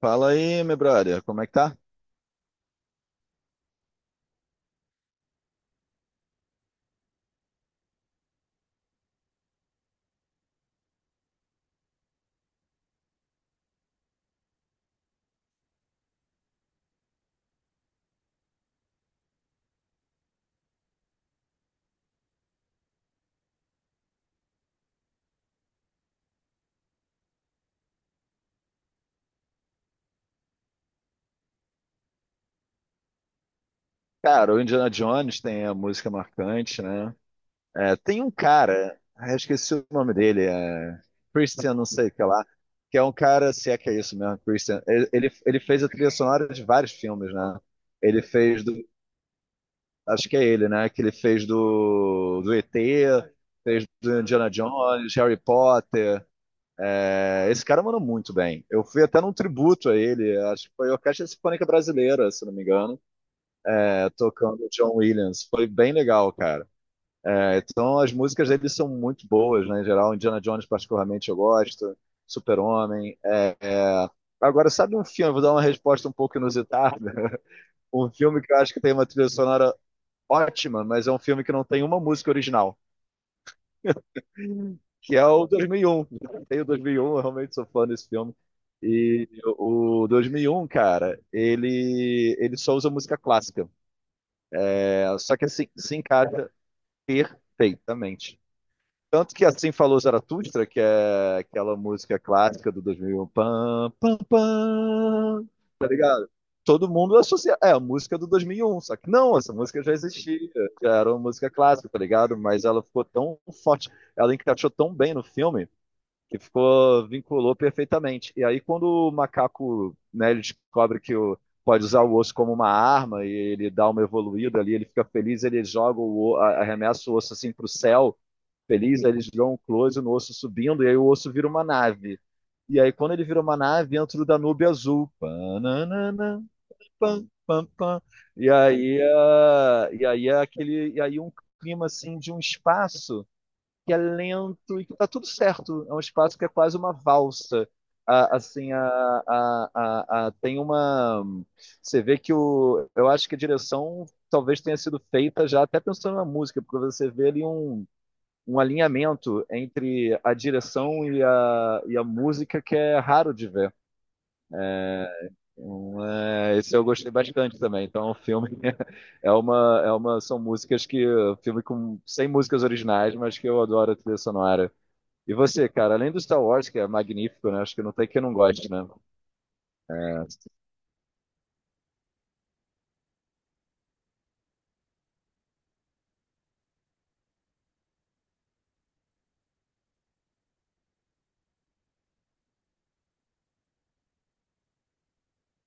Fala aí, meu brother, como é que tá? Cara, o Indiana Jones tem a música marcante, né? É, tem um cara, eu esqueci o nome dele, é Christian, não sei o que lá, que é um cara, se é que é isso mesmo, Christian. Ele fez a trilha sonora de vários filmes, né? Ele fez do, acho que é ele, né? Que ele fez do ET, fez do Indiana Jones, Harry Potter. É, esse cara mandou muito bem. Eu fui até num tributo a ele, acho que foi a Orquestra Sinfônica Brasileira, se não me engano. É, tocando John Williams. Foi bem legal, cara. É, então as músicas dele são muito boas, né? Em geral, Indiana Jones, particularmente, eu gosto. Super-Homem. É, é... Agora, sabe um filme? Vou dar uma resposta um pouco inusitada. Um filme que eu acho que tem uma trilha sonora ótima, mas é um filme que não tem uma música original, que é o 2001. Tem o 2001, eu realmente sou fã desse filme. E o 2001, cara, ele só usa música clássica. É, só que assim, se encaixa perfeitamente. Tanto que assim falou Zaratustra, que é aquela música clássica do 2001, pam, pam, pam, tá ligado? Todo mundo associa, é a música do 2001, só que não, essa música já existia, já era uma música clássica, tá ligado? Mas ela ficou tão forte, ela encaixou tão bem no filme, que ficou, vinculou perfeitamente. E aí, quando o macaco, né, ele descobre que o, pode usar o osso como uma arma e ele dá uma evoluída ali, ele fica feliz, ele joga arremessa o osso assim para o céu, feliz, aí eles dão um close no osso subindo, e aí o osso vira uma nave. E aí, quando ele vira uma nave, entra o Danúbio Azul. Pananana, pam, pam, pam. E aí, ah, e aí é aquele, e aí um clima assim de um espaço que é lento e que tá tudo certo. É um espaço que é quase uma valsa. A- assim, a, tem uma. Você vê que o. Eu acho que a direção talvez tenha sido feita já até pensando na música, porque você vê ali um, um alinhamento entre a direção e a música que é raro de ver. Então, é, esse eu gostei bastante também. Então, o filme são músicas que. Filme com, sem músicas originais, mas que eu adoro a trilha sonora. E você, cara, além do Star Wars, que é magnífico, né? Acho que não tem quem não goste, né?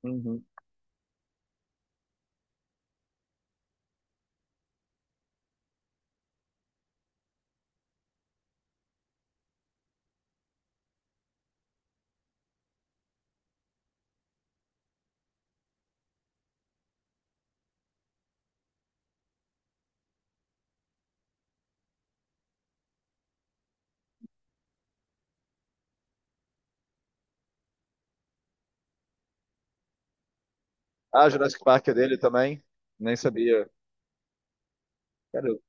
Uhum. Ah, Jurassic Park é dele também? Nem sabia. Cara, eu-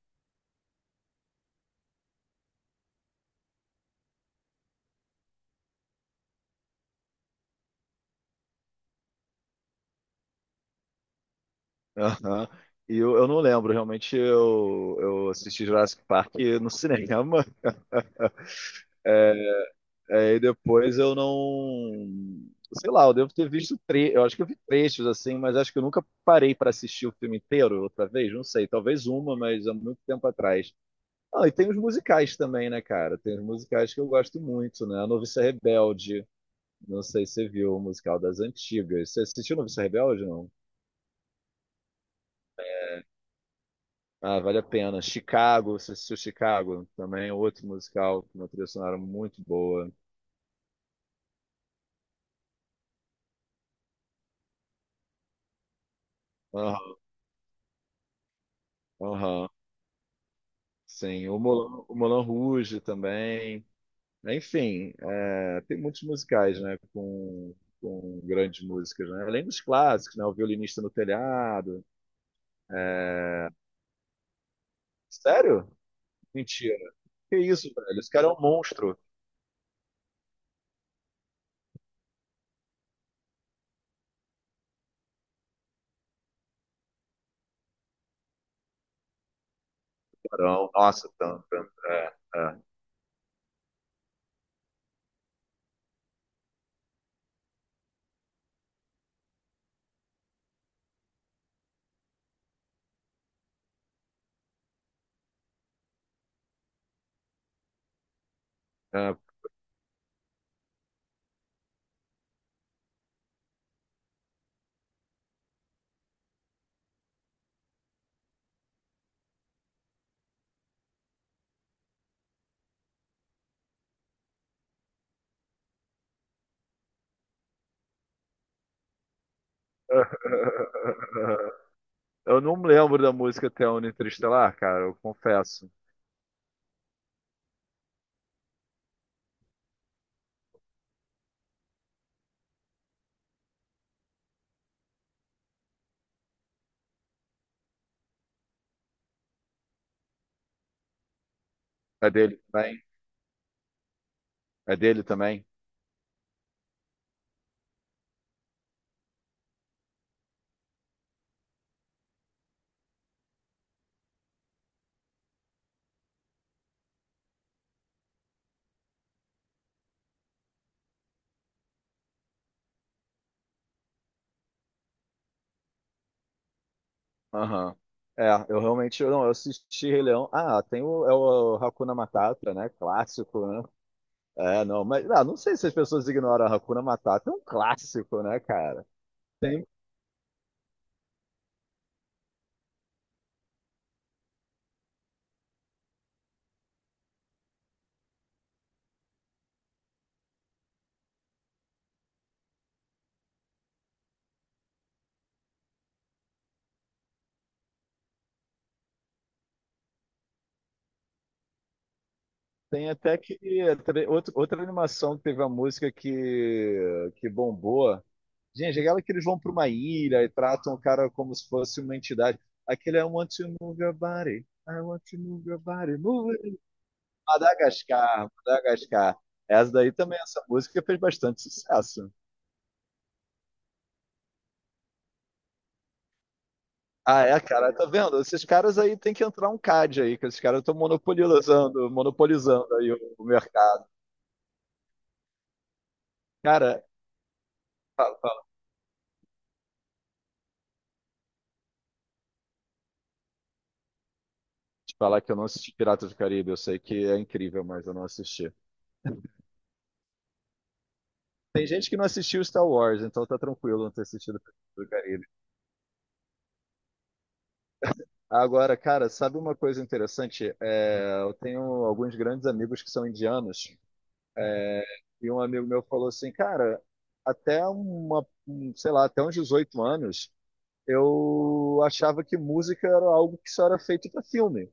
Aham. E eu não lembro, realmente eu assisti Jurassic Park no cinema, é, e depois eu não. Sei lá, eu devo ter visto eu acho que eu vi trechos assim, mas acho que eu nunca parei para assistir o filme inteiro outra vez, não sei, talvez uma, mas há muito tempo atrás. Ah, e tem os musicais também, né, cara? Tem os musicais que eu gosto muito, né? A Noviça Rebelde. Não sei se você viu o musical das antigas. Você assistiu Noviça Rebelde, não? Ah, vale a pena. Chicago, você assistiu Chicago? Também é outro musical com uma trilha sonora muito boa. Aham, aham. Sim, o Moulin Rouge também. Enfim, é, tem muitos musicais, né, com grandes músicas, né? Além dos clássicos, né? O Violinista no Telhado. É, sério? Mentira. Que isso, velho? Esse cara é um monstro. Carão. Nossa, tanto. É, é. É, eu não me lembro da música até o Interestelar, cara, eu confesso. É dele também? É dele também? Aham. É, eu realmente eu não, eu assisti Rei Leão. Ah, é o Hakuna Matata, né? Clássico, né? É, não, mas ah, não sei se as pessoas ignoram a Hakuna Matata, é um clássico, né, cara? Tem, tem até que outra animação que teve a música que bombou. Gente, é aquela que eles vão para uma ilha e tratam o cara como se fosse uma entidade. Aquele é I want to move your body. I want to move your body. Move it. Madagascar, Madagascar. Essa daí também, essa música fez bastante sucesso. Ah, é, cara, tá vendo? Esses caras aí tem que entrar um CAD aí, que esses caras estão monopolizando, monopolizando aí o mercado. Cara, fala, fala. Te falar que eu não assisti Piratas do Caribe, eu sei que é incrível, mas eu não assisti. Tem gente que não assistiu Star Wars, então tá tranquilo não ter assistido Piratas do Caribe. Agora, cara, sabe uma coisa interessante? É, eu tenho alguns grandes amigos que são indianos, é, e um amigo meu falou assim, cara, até uma, um, sei lá, até uns 18 anos, eu achava que música era algo que só era feito para filme.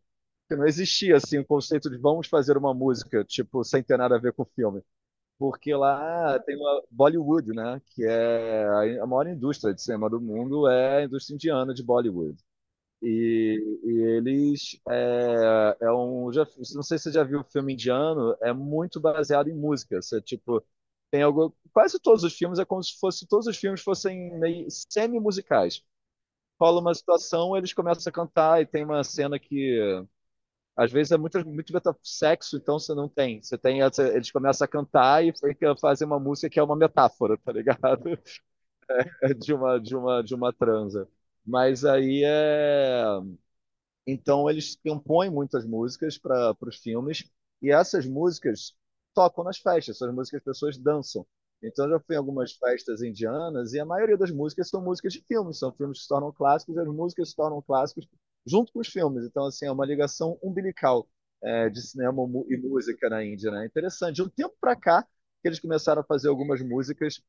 Que não existia assim o conceito de vamos fazer uma música, tipo, sem ter nada a ver com filme. Porque lá tem uma Bollywood, né, que é a maior indústria de cinema do mundo, é a indústria indiana de Bollywood. E eles é um já, não sei se você já viu, o filme indiano é muito baseado em música, você tipo tem algo, quase todos os filmes é como se fosse, todos os filmes fossem meio semi musicais, rola uma situação, eles começam a cantar e tem uma cena que às vezes é muito muito meta- sexo, então você não tem, você tem essa-, eles começam a cantar e fica-, fazem uma música que é uma metáfora, tá ligado? É de uma transa, mas aí é, então eles compõem muitas músicas para os filmes e essas músicas tocam nas festas, essas músicas as pessoas dançam. Então eu já fui em algumas festas indianas e a maioria das músicas são músicas de filmes, são filmes que se tornam clássicos e as músicas se tornam clássicos junto com os filmes. Então assim é uma ligação umbilical, é, de cinema mu- e música na Índia, né? Interessante. De um tempo para cá que eles começaram a fazer algumas músicas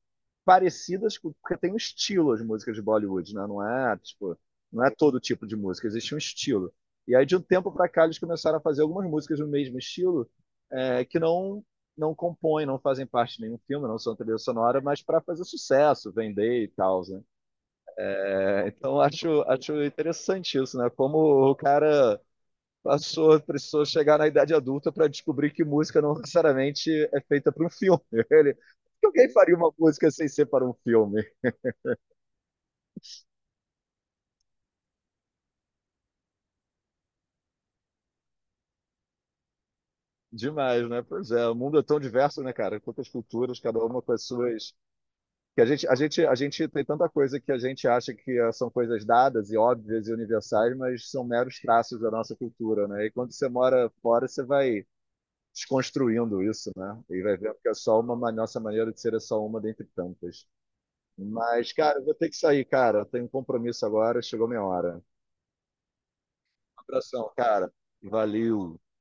parecidas, com- porque tem um estilo as músicas de Bollywood, né? Não é, tipo, não é todo tipo de música, existe um estilo. E aí, de um tempo para cá, eles começaram a fazer algumas músicas do mesmo estilo, é, que não compõem, não fazem parte de nenhum filme, não são trilha sonora, mas para fazer sucesso, vender e tal, né? É, então, acho interessante isso, né? Como o cara passou, precisou chegar na idade adulta para descobrir que música não necessariamente é feita para um filme. Ele, por que alguém faria uma música sem ser para um filme? Demais, né? Pois é, o mundo é tão diverso, né, cara? Quantas culturas, cada uma com as suas. Que a gente tem tanta coisa que a gente acha que ah, são coisas dadas e óbvias e universais, mas são meros traços da nossa cultura, né? E quando você mora fora, você vai desconstruindo isso, né? E vai vendo que é só uma, nossa maneira de ser é só uma dentre tantas. Mas, cara, eu vou ter que sair, cara. Tenho um compromisso agora, chegou minha hora. Um abração, cara. Valeu. Tchau.